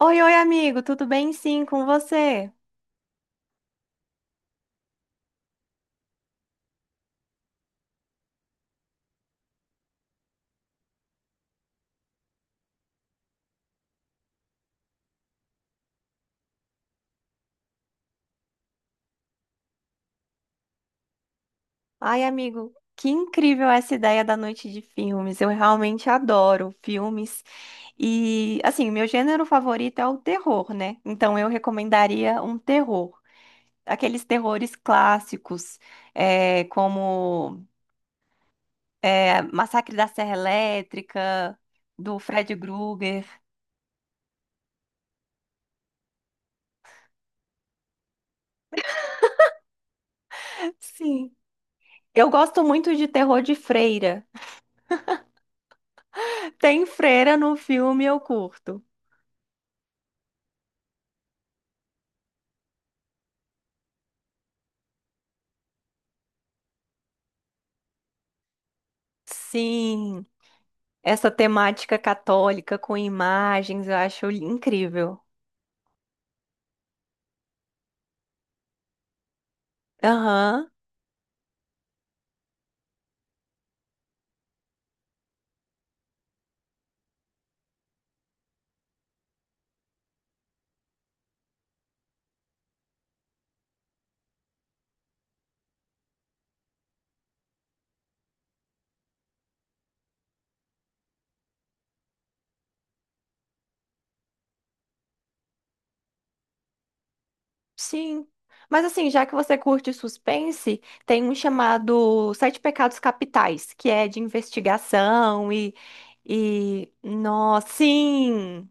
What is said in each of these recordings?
Oi, oi, amigo, tudo bem? Sim, com você? Ai, amigo, que incrível essa ideia da noite de filmes. Eu realmente adoro filmes. E, assim, meu gênero favorito é o terror, né? Então, eu recomendaria um terror. Aqueles terrores clássicos, como Massacre da Serra Elétrica, do Fred Krueger. Sim. Eu gosto muito de terror de freira. Tem freira no filme, eu curto. Sim. Essa temática católica com imagens, eu acho incrível. Aham, sim. Mas assim, já que você curte suspense, tem um chamado Sete Pecados Capitais, que é de investigação e... Nossa, sim!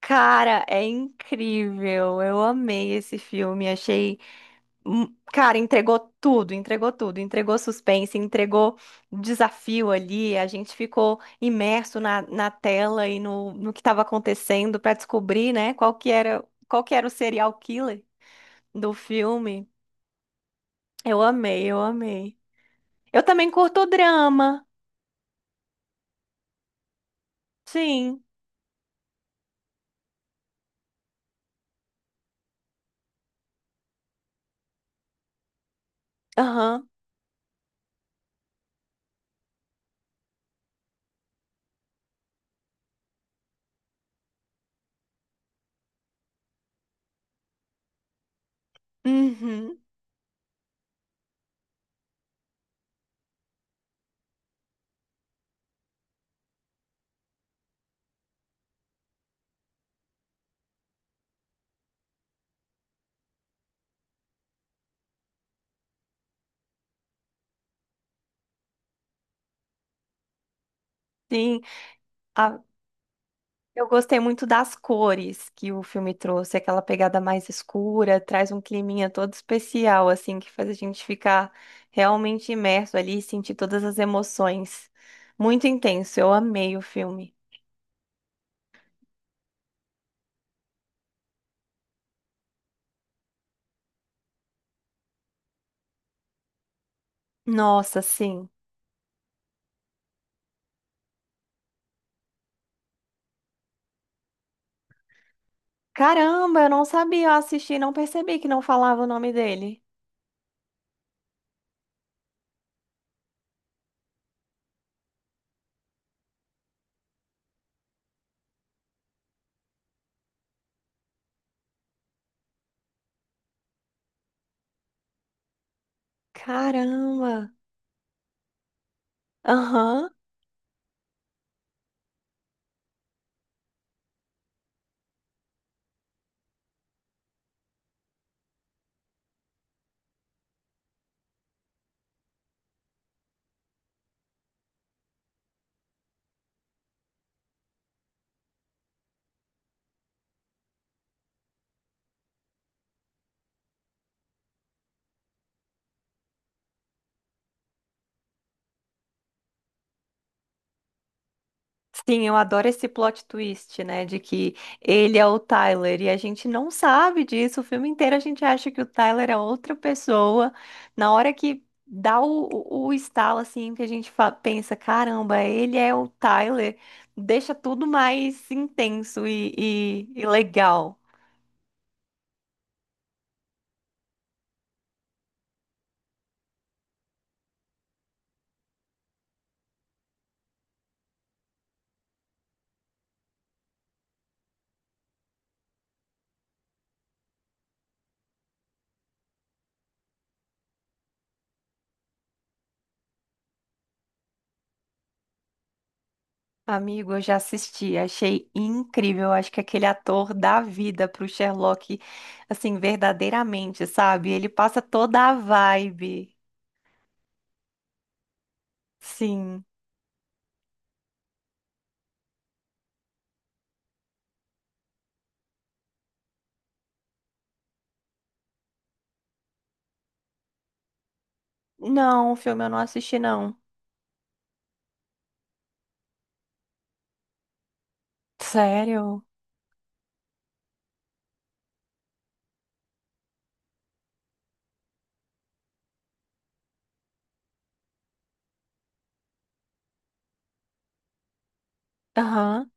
Cara, é incrível. Eu amei esse filme, achei. Cara, entregou tudo, entregou suspense, entregou desafio ali. A gente ficou imerso na tela e no que estava acontecendo para descobrir, né, qual que era o serial killer do filme. Eu amei, eu amei. Eu também curto drama, sim. Aham. Uhum. Sim. Eu gostei muito das cores que o filme trouxe, aquela pegada mais escura, traz um climinha todo especial, assim, que faz a gente ficar realmente imerso ali e sentir todas as emoções. Muito intenso, eu amei o filme. Nossa, sim. Caramba, eu não sabia, eu assisti e não percebi que não falava o nome dele. Caramba. Aham. Sim, eu adoro esse plot twist, né? De que ele é o Tyler e a gente não sabe disso. O filme inteiro a gente acha que o Tyler é outra pessoa. Na hora que dá o estalo, assim, que a gente pensa: caramba, ele é o Tyler, deixa tudo mais intenso e legal. Amigo, eu já assisti, achei incrível. Acho que aquele ator dá vida pro Sherlock, assim, verdadeiramente, sabe? Ele passa toda a vibe. Sim. Não, o filme eu não assisti, não. Sério? Aham.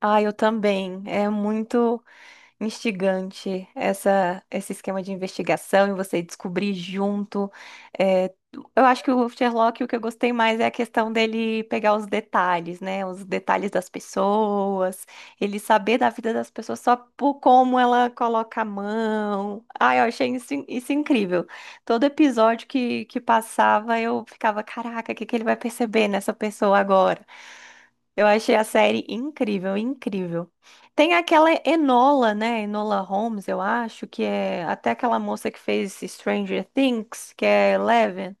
Ah, eu também. É muito instigante esse esquema de investigação e você descobrir junto. É, eu acho que o Sherlock, o que eu gostei mais é a questão dele pegar os detalhes, né? Os detalhes das pessoas, ele saber da vida das pessoas só por como ela coloca a mão. Ai, eu achei isso incrível. Todo episódio que passava, eu ficava, caraca, o que ele vai perceber nessa pessoa agora? Eu achei a série incrível, incrível. Tem aquela Enola, né? Enola Holmes, eu acho, que é até aquela moça que fez Stranger Things, que é Eleven.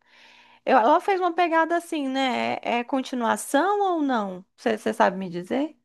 Ela fez uma pegada assim, né? É, é continuação ou não? Você sabe me dizer?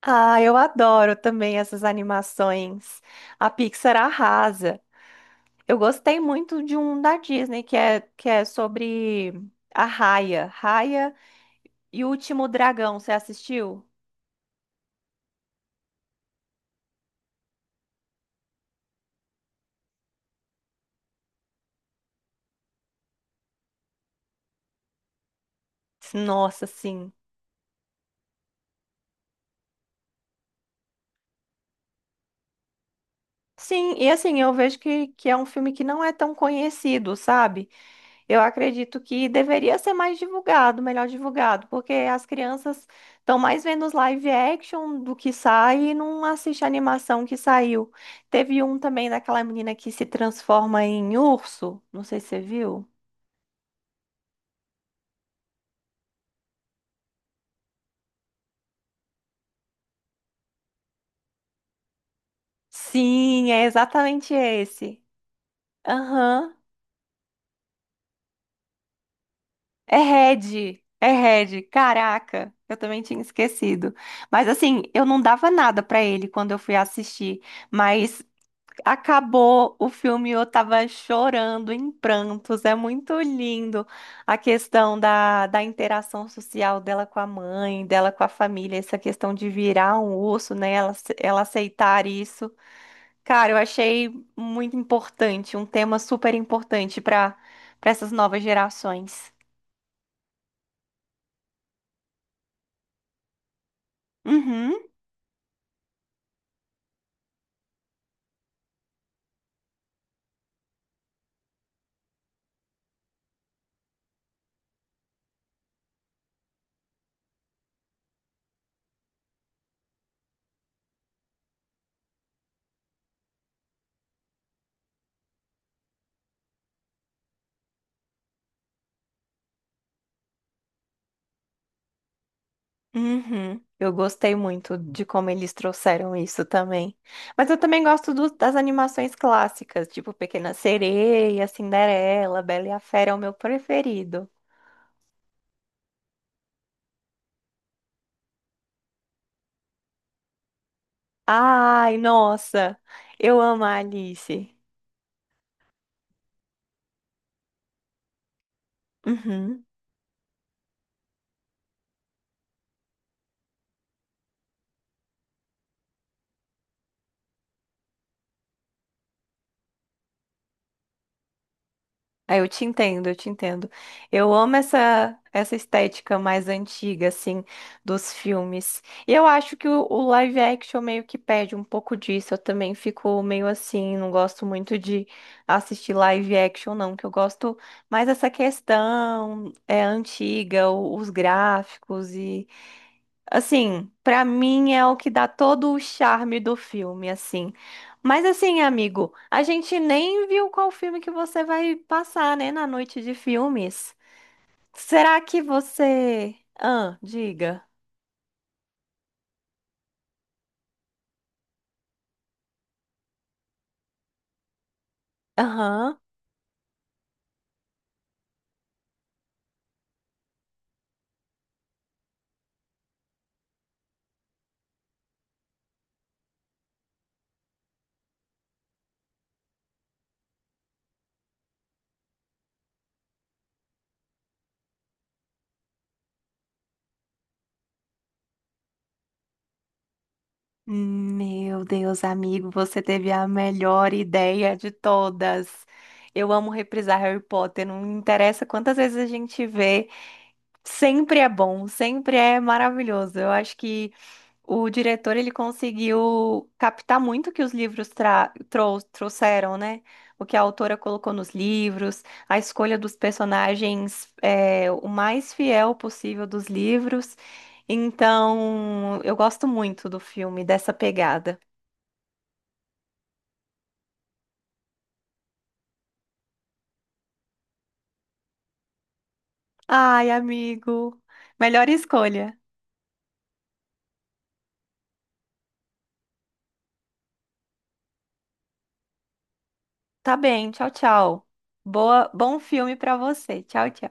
Ah, eu adoro também essas animações. A Pixar arrasa. Eu gostei muito de um da Disney, que é sobre a Raya. Raya e o Último Dragão, você assistiu? Nossa, sim. Sim, e assim, eu vejo que é um filme que não é tão conhecido, sabe? Eu acredito que deveria ser mais divulgado, melhor divulgado, porque as crianças estão mais vendo os live action do que sai e não assiste a animação que saiu. Teve um também daquela menina que se transforma em urso, não sei se você viu. Sim, é exatamente esse. Aham. É Red, caraca, eu também tinha esquecido. Mas assim, eu não dava nada pra ele quando eu fui assistir, mas acabou o filme, eu tava chorando em prantos. É muito lindo a questão da interação social dela com a mãe, dela com a família, essa questão de virar um urso, né? Ela, ela aceitar isso. Cara, eu achei muito importante, um tema super importante para essas novas gerações. Uhum. Uhum. Eu gostei muito de como eles trouxeram isso também. Mas eu também gosto das animações clássicas, tipo Pequena Sereia, Cinderela, Bela e a Fera é o meu preferido. Ai, nossa, eu amo a Alice. Uhum. Ah, eu te entendo, eu te entendo. Eu amo essa estética mais antiga, assim, dos filmes. E eu acho que o live action meio que perde um pouco disso. Eu também fico meio assim, não gosto muito de assistir live action, não, que eu gosto mais dessa questão é antiga, os gráficos e assim, pra mim é o que dá todo o charme do filme, assim. Mas assim, amigo, a gente nem viu qual filme que você vai passar, né, na noite de filmes. Será que você... Ah, diga. Aham. Meu Deus, amigo, você teve a melhor ideia de todas. Eu amo reprisar Harry Potter, não interessa quantas vezes a gente vê, sempre é bom, sempre é maravilhoso. Eu acho que o diretor ele conseguiu captar muito o que os livros trouxeram, né? O que a autora colocou nos livros, a escolha dos personagens é, o mais fiel possível dos livros. Então, eu gosto muito do filme, dessa pegada. Ai, amigo, melhor escolha. Tá bem, tchau, tchau. Boa, bom filme pra você. Tchau, tchau.